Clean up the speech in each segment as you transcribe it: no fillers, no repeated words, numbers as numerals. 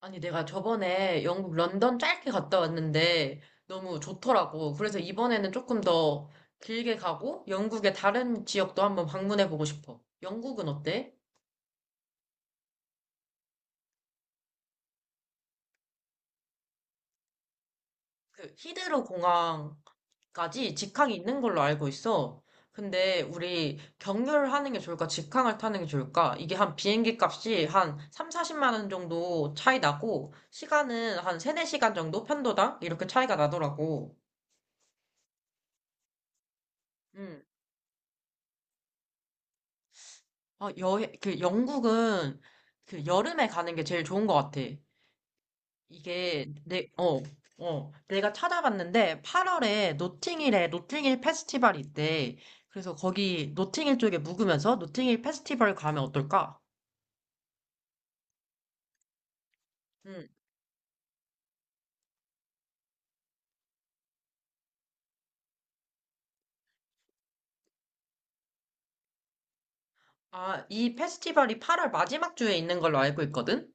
아니, 내가 저번에 영국 런던 짧게 갔다 왔는데 너무 좋더라고. 그래서 이번에는 조금 더 길게 가고 영국의 다른 지역도 한번 방문해 보고 싶어. 영국은 어때? 그 히드로 공항까지 직항이 있는 걸로 알고 있어. 근데 우리 경유를 하는 게 좋을까? 직항을 타는 게 좋을까? 이게 한 비행기 값이 한 3, 40만 원 정도 차이 나고 시간은 한 3, 4시간 정도 편도당 이렇게 차이가 나더라고. 음. 아, 여행, 그 영국은 그 여름에 가는 게 제일 좋은 것 같아. 이게 내가 찾아봤는데 8월에 노팅힐에 노팅힐 페스티벌이 있대. 그래서 거기 노팅힐 쪽에 묵으면서 노팅힐 페스티벌 가면 어떨까? 음, 아, 이 페스티벌이 8월 마지막 주에 있는 걸로 알고 있거든?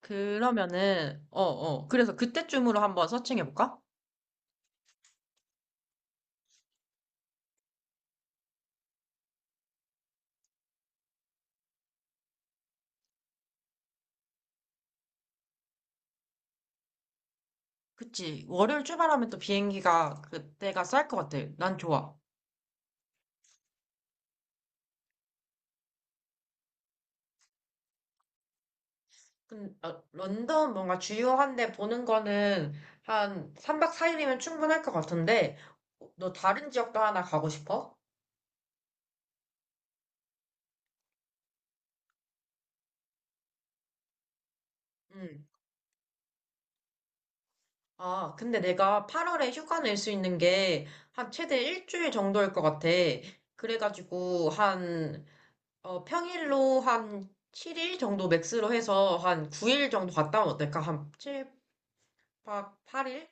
그러면은, 그래서 그때쯤으로 한번 서칭해볼까? 그치. 월요일 출발하면 또 비행기가 그때가 쌀 것 같아. 난 좋아. 런던 뭔가 주요한 데 보는 거는 한 3박 4일이면 충분할 것 같은데, 너 다른 지역도 하나 가고 싶어? 응. 아, 근데 내가 8월에 휴가 낼 수 있는 게 한 최대 일주일 정도일 것 같아. 그래가지고 평일로 한 7일 정도 맥스로 해서 한 9일 정도 갔다 오면 어떨까? 한 7박 8일?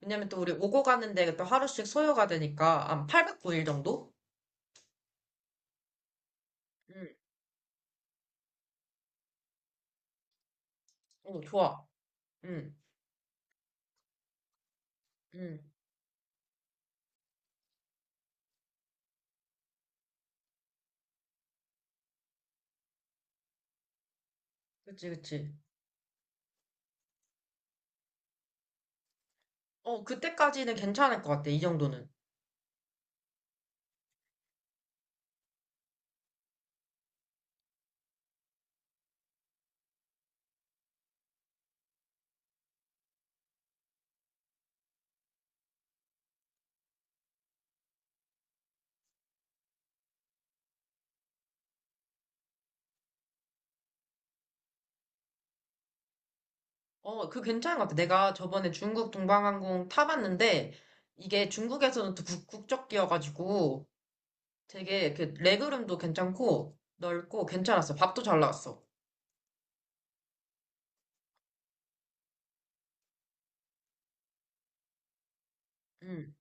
왜냐면 또 우리 오고 가는데 또 하루씩 소요가 되니까 한 8박 9일 정도? 응, 오, 좋아. 응. 응, 그치, 그치. 어, 그때까지는 괜찮을 것 같아, 이 정도는. 어, 그 괜찮은 것 같아. 내가 저번에 중국 동방항공 타봤는데, 이게 중국에서는 또 국적기여가지고, 되게 그 레그룸도 괜찮고, 넓고, 괜찮았어. 밥도 잘 나왔어. 응.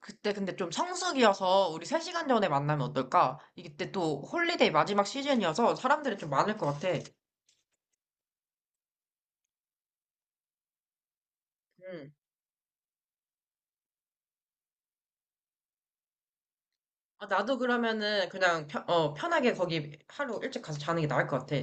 그때 근데 좀 성수기여서 우리 3시간 전에 만나면 어떨까? 이때 또 홀리데이 마지막 시즌이어서 사람들이 좀 많을 것 같아. 응. 아, 나도 그러면은 그냥 편하게 거기 하루 일찍 가서 자는 게 나을 것 같아.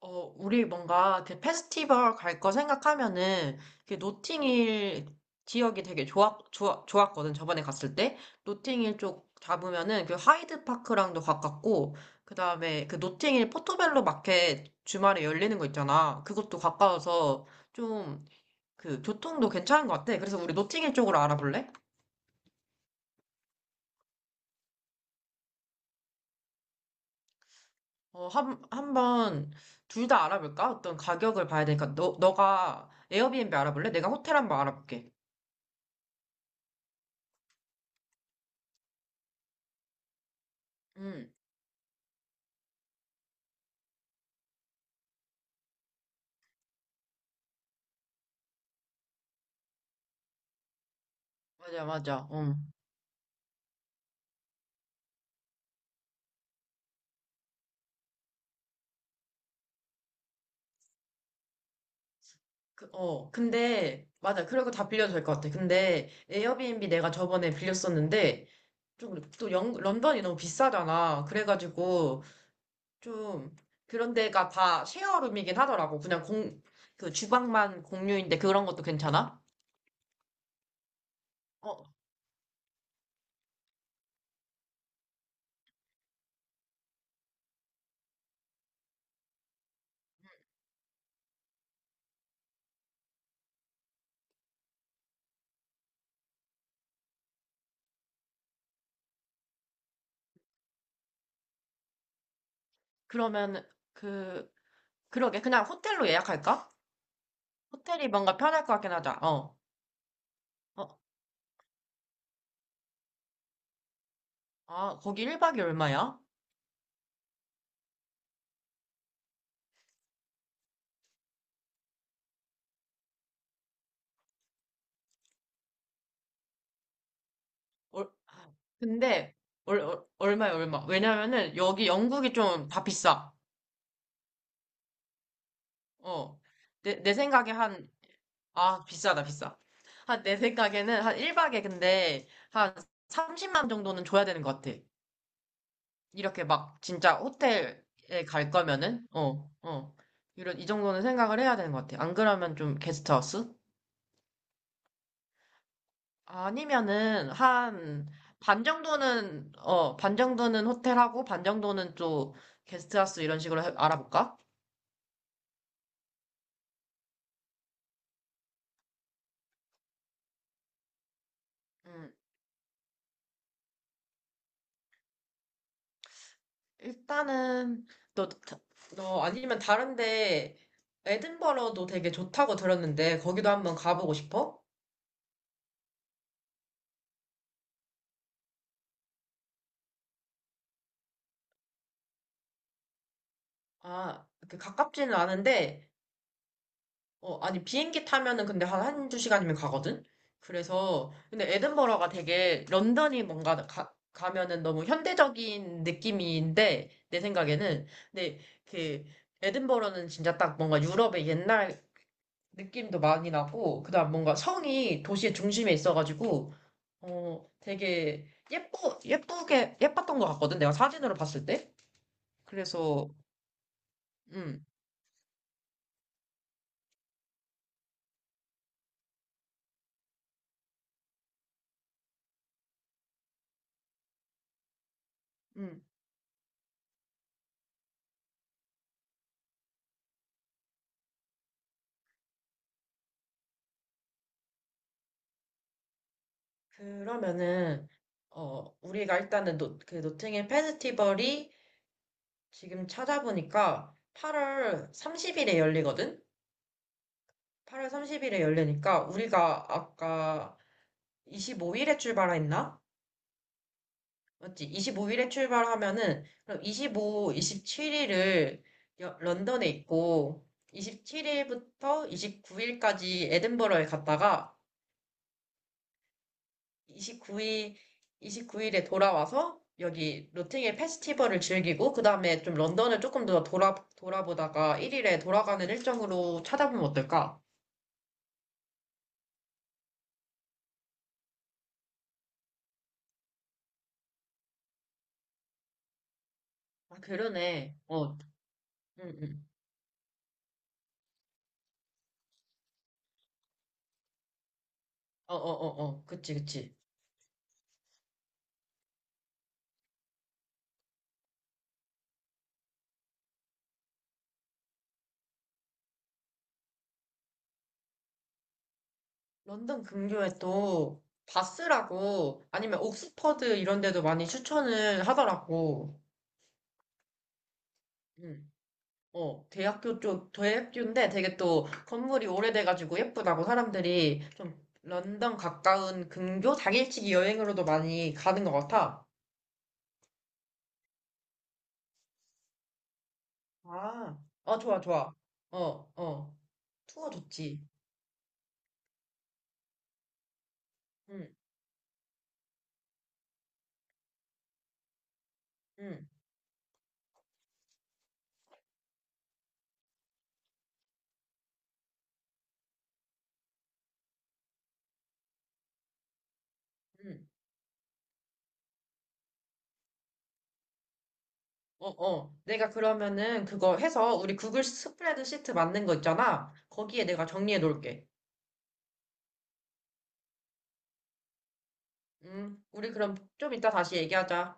어, 우리 뭔가 그 페스티벌 갈 거 생각하면은 그 노팅힐 지역이 되게 좋았거든. 저번에 갔을 때. 노팅힐 쪽 잡으면은 그 하이드 파크랑도 가깝고, 그 다음에 그 노팅힐 포토벨로 마켓 주말에 열리는 거 있잖아. 그것도 가까워서 좀 그 교통도 괜찮은 것 같아. 그래서 우리 노팅힐 쪽으로 알아볼래? 어, 한번 둘 다 알아볼까? 어떤 가격을 봐야 되니까 너가 에어비앤비 알아볼래? 내가 호텔 한번 알아볼게. 음. 맞아, 맞아. 응. 근데, 맞아. 그리고 다 빌려도 될 것 같아. 근데, 에어비앤비 내가 저번에 빌렸었는데, 좀, 또 런던이 너무 비싸잖아. 그래가지고, 좀, 그런 데가 다 쉐어룸이긴 하더라고. 그냥 그 주방만 공유인데 그런 것도 괜찮아? 어, 그러면, 그, 그러게. 그냥 호텔로 예약할까? 호텔이 뭔가 편할 것 같긴 하다. 어. 어, 아, 거기 1박이 얼마야? 근데 얼마야 얼마, 왜냐면은 여기 영국이 좀 다 비싸. 어, 내 생각에 한, 아, 비싸다 비싸. 한, 내 생각에는 한 1박에 근데 한 30만 정도는 줘야 되는 것 같아. 이렇게 막 진짜 호텔에 갈 거면은. 이런, 이 정도는 생각을 해야 되는 것 같아. 안 그러면 좀 게스트하우스 아니면은 한 반 정도는, 어, 반 정도는 호텔하고 반 정도는 또 게스트하우스 이런 식으로 알아볼까? 음. 일단은 너, 다- 너 아니면 다른데 에든버러도 되게 좋다고 들었는데 거기도 한번 가보고 싶어? 아, 그 가깝지는 않은데. 어, 아니, 비행기 타면은 근데 한 한두 시간이면 가거든. 그래서 근데 에든버러가 되게 런던이 뭔가 가면은 너무 현대적인 느낌인데 내 생각에는. 근데 그 에든버러는 진짜 딱 뭔가 유럽의 옛날 느낌도 많이 나고 그다음 뭔가 성이 도시의 중심에 있어가지고 어, 되게 예뻤던 것 같거든, 내가 사진으로 봤을 때. 그래서, 음. 음. 그러면은, 어, 우리가 일단은 그 노팅힐 페스티벌이 지금 찾아보니까 8월 30일에 열리거든? 8월 30일에 열리니까 우리가 아까 25일에 출발했나? 맞지? 25일에 출발하면은 그럼 25, 27일을 런던에 있고 27일부터 29일까지 에든버러에 갔다가 29일 29일에 돌아와서 여기 로팅의 페스티벌을 즐기고 그 다음에 좀 런던을 조금 더 돌아보다가 1일에 돌아가는 일정으로 찾아보면 어떨까? 아, 그러네. 어, 응, 응. 어, 어, 어, 어. 그치, 그치. 런던 근교에 또 바스라고 아니면 옥스퍼드 이런 데도 많이 추천을 하더라고. 응. 어, 대학교인데 되게 또 건물이 오래돼가지고 예쁘다고 사람들이 좀 런던 가까운 근교 당일치기 여행으로도 많이 가는 것 같아. 아, 어, 좋아, 좋아. 어, 어. 투어 좋지. 응, 응, 응. 어, 어. 내가 그러면은 그거 해서 우리 구글 스프레드 시트 만든 거 있잖아. 거기에 내가 정리해 놓을게. 우리 그럼 좀 이따 다시 얘기하자.